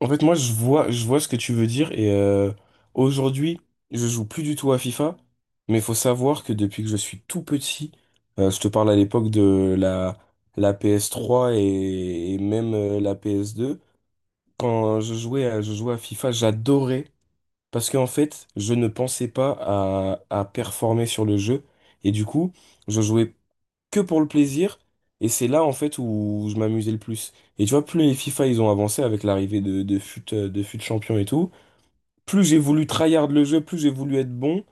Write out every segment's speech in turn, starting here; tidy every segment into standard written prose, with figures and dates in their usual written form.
En fait, moi, je vois ce que tu veux dire et aujourd'hui, je joue plus du tout à FIFA, mais il faut savoir que depuis que je suis tout petit, je te parle à l'époque de la PS3 et même la PS2, quand je jouais à FIFA, j'adorais parce qu'en fait, je ne pensais pas à performer sur le jeu et du coup, je jouais que pour le plaisir. Et c'est là, en fait, où je m'amusais le plus. Et tu vois, plus les FIFA, ils ont avancé avec l'arrivée de FUT Champion et tout, plus j'ai voulu tryhard le jeu, plus j'ai voulu être bon.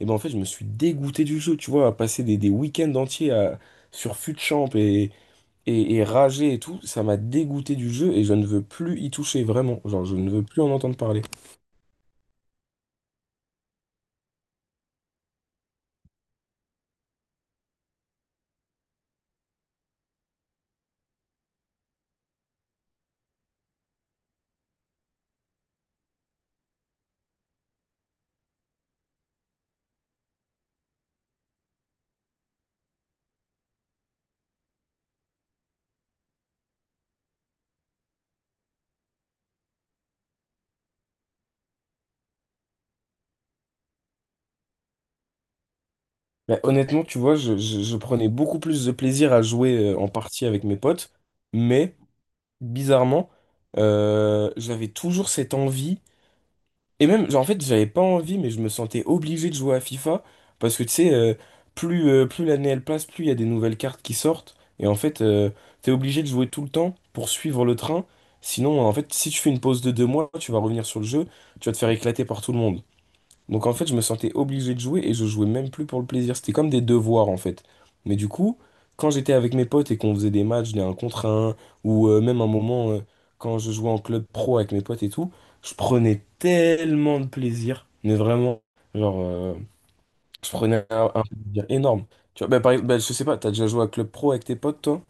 Et ben, en fait, je me suis dégoûté du jeu, tu vois, à passer des sur FUT Champ et et rager et tout. Ça m'a dégoûté du jeu et je ne veux plus y toucher, vraiment. Genre, je ne veux plus en entendre parler. Mais honnêtement, tu vois, je prenais beaucoup plus de plaisir à jouer en partie avec mes potes, mais bizarrement, j'avais toujours cette envie. Et même, genre, en fait, j'avais pas envie, mais je me sentais obligé de jouer à FIFA. Parce que, tu sais, plus l'année elle passe, plus il y a des nouvelles cartes qui sortent. Et en fait, t'es obligé de jouer tout le temps pour suivre le train. Sinon, en fait, si tu fais une pause de 2 mois, tu vas revenir sur le jeu, tu vas te faire éclater par tout le monde. Donc en fait, je me sentais obligé de jouer et je jouais même plus pour le plaisir. C'était comme des devoirs en fait. Mais du coup, quand j'étais avec mes potes et qu'on faisait des matchs, des 1 contre un ou même un moment, quand je jouais en club pro avec mes potes et tout, je prenais tellement de plaisir. Mais vraiment, genre, euh, je prenais un plaisir énorme. Tu vois, je sais pas, t'as déjà joué à club pro avec tes potes, toi?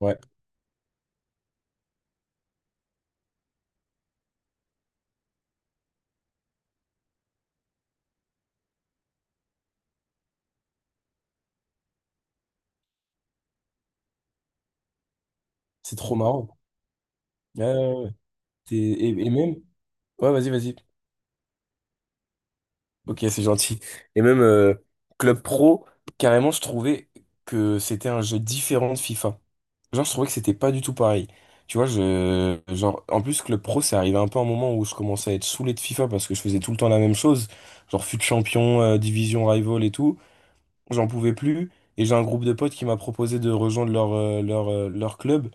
Ouais, c'est trop marrant. Ouais, ouais, ouais. Et même... Ouais, vas-y, vas-y. Ok, c'est gentil. Et même Club Pro, carrément, je trouvais que c'était un jeu différent de FIFA. Genre, je trouvais que c'était pas du tout pareil. Tu vois, genre, en plus, Club Pro, c'est arrivé un peu un moment où je commençais à être saoulé de FIFA parce que je faisais tout le temps la même chose. Genre, fut champion, division rival et tout. J'en pouvais plus. Et j'ai un groupe de potes qui m'a proposé de rejoindre leur club.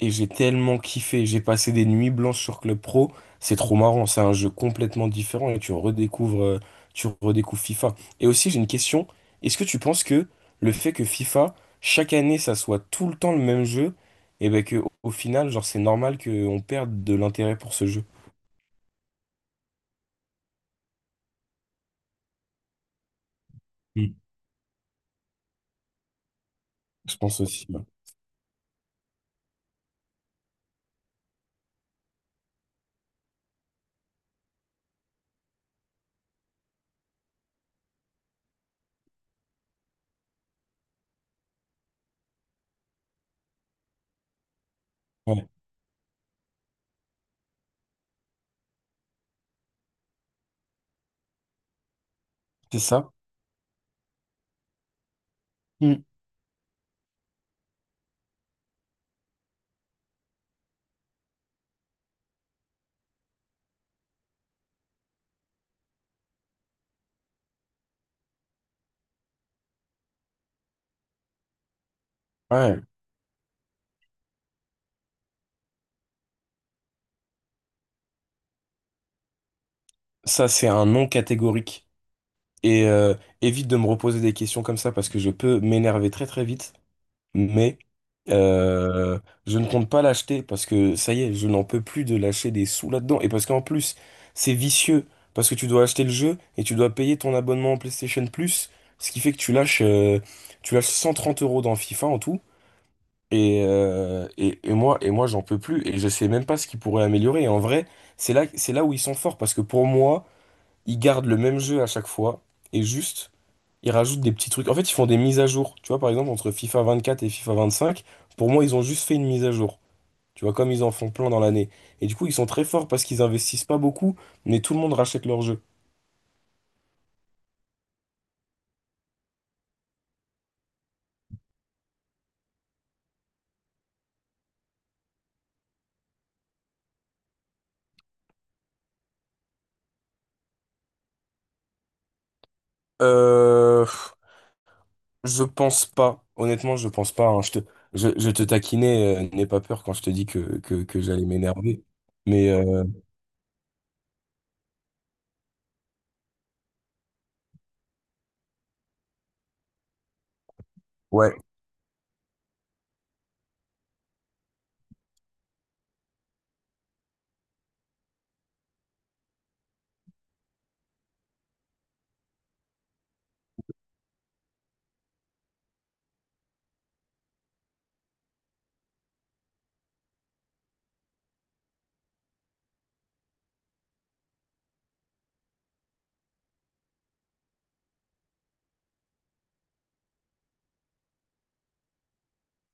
Et j'ai tellement kiffé, j'ai passé des nuits blanches sur Club Pro, c'est trop marrant, c'est un jeu complètement différent et tu redécouvres tu redécouvres FIFA. Et aussi j'ai une question, est-ce que tu penses que le fait que FIFA, chaque année ça soit tout le temps le même jeu, et ben que au final, genre c'est normal qu'on perde de l'intérêt pour ce jeu? Mm. Je pense aussi, ouais. Ouais. C'est ça? Mm. Ouais, ça c'est un non catégorique. Et évite de me reposer des questions comme ça parce que je peux m'énerver très très vite. Mais euh, je ne compte pas l'acheter parce que ça y est, je n'en peux plus de lâcher des sous là-dedans. Et parce qu'en plus, c'est vicieux parce que tu dois acheter le jeu et tu dois payer ton abonnement en PlayStation Plus, ce qui fait que tu lâches 130 € dans FIFA en tout. Et et moi j'en peux plus et je sais même pas ce qu'ils pourraient améliorer. Et en vrai, c'est là où ils sont forts parce que pour moi, ils gardent le même jeu à chaque fois et juste, ils rajoutent des petits trucs. En fait, ils font des mises à jour. Tu vois, par exemple, entre FIFA 24 et FIFA 25, pour moi, ils ont juste fait une mise à jour. Tu vois, comme ils en font plein dans l'année. Et du coup, ils sont très forts parce qu'ils investissent pas beaucoup, mais tout le monde rachète leur jeu. Euh, je pense pas. Honnêtement, je pense pas, hein. Je te taquinais, n'aie pas peur quand je te dis que j'allais m'énerver. Mais ouais.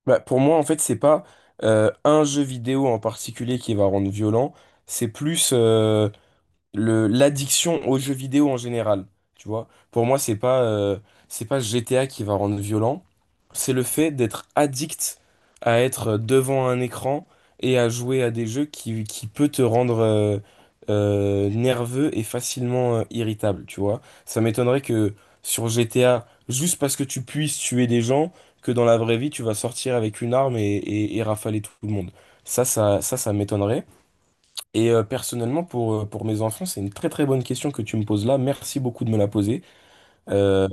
Bah, pour moi, en fait, c'est pas un jeu vidéo en particulier qui va rendre violent. C'est plus le l'addiction aux jeux vidéo en général, tu vois. Pour moi, c'est pas GTA qui va rendre violent, c'est le fait d'être addict à être devant un écran et à jouer à des jeux qui peut te rendre nerveux et facilement irritable, tu vois. Ça m'étonnerait que sur GTA, juste parce que tu puisses tuer des gens, que dans la vraie vie, tu vas sortir avec une arme et et rafaler tout le monde. Ça m'étonnerait. Et personnellement, pour mes enfants, c'est une très très bonne question que tu me poses là. Merci beaucoup de me la poser. Euh,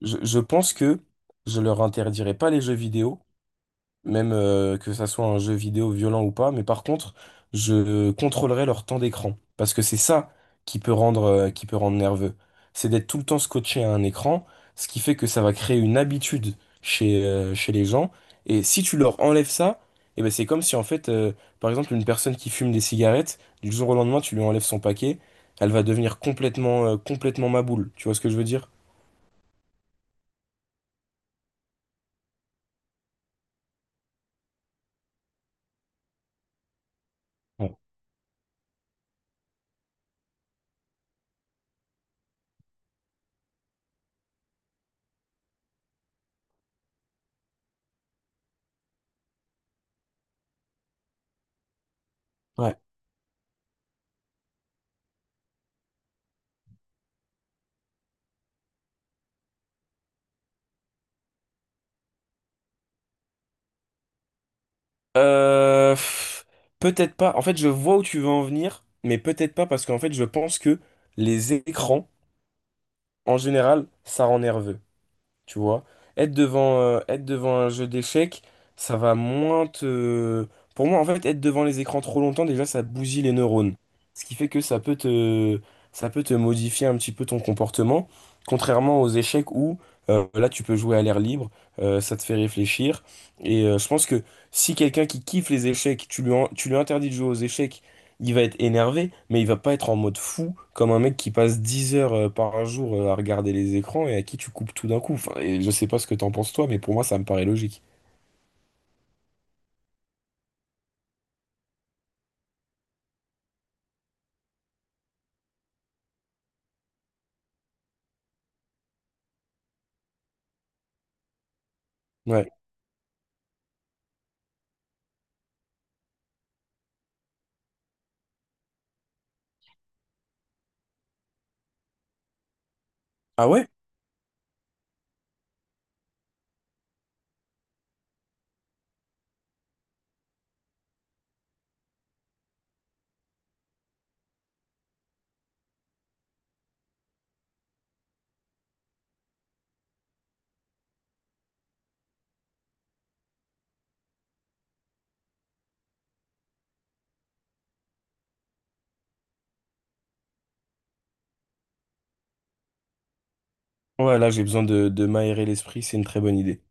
je pense que je leur interdirai pas les jeux vidéo, même que ça soit un jeu vidéo violent ou pas, mais par contre, je contrôlerai leur temps d'écran, parce que c'est ça qui peut rendre nerveux. C'est d'être tout le temps scotché à un écran, ce qui fait que ça va créer une habitude chez les gens, et si tu leur enlèves ça, eh ben c'est comme si en fait, par exemple, une personne qui fume des cigarettes, du jour au lendemain, tu lui enlèves son paquet, elle va devenir complètement, complètement maboule, tu vois ce que je veux dire? Ouais. Ouais. Pff, peut-être pas. En fait, je vois où tu veux en venir, mais peut-être pas parce qu'en fait, je pense que les écrans, en général, ça rend nerveux. Tu vois, être devant un jeu d'échecs, ça va moins te... Pour moi, en fait, être devant les écrans trop longtemps, déjà, ça bousille les neurones. Ce qui fait que ça peut te modifier un petit peu ton comportement, contrairement aux échecs où, là, tu peux jouer à l'air libre, ça te fait réfléchir. Et je pense que si quelqu'un qui kiffe les échecs, tu lui interdis de jouer aux échecs il va être énervé, mais il va pas être en mode fou, comme un mec qui passe 10 heures par jour à regarder les écrans et à qui tu coupes tout d'un coup. Enfin, et je sais pas ce que t'en penses toi, mais pour moi, ça me paraît logique. Ouais. Ah ouais? Ouais, là, j'ai besoin de m'aérer l'esprit, c'est une très bonne idée.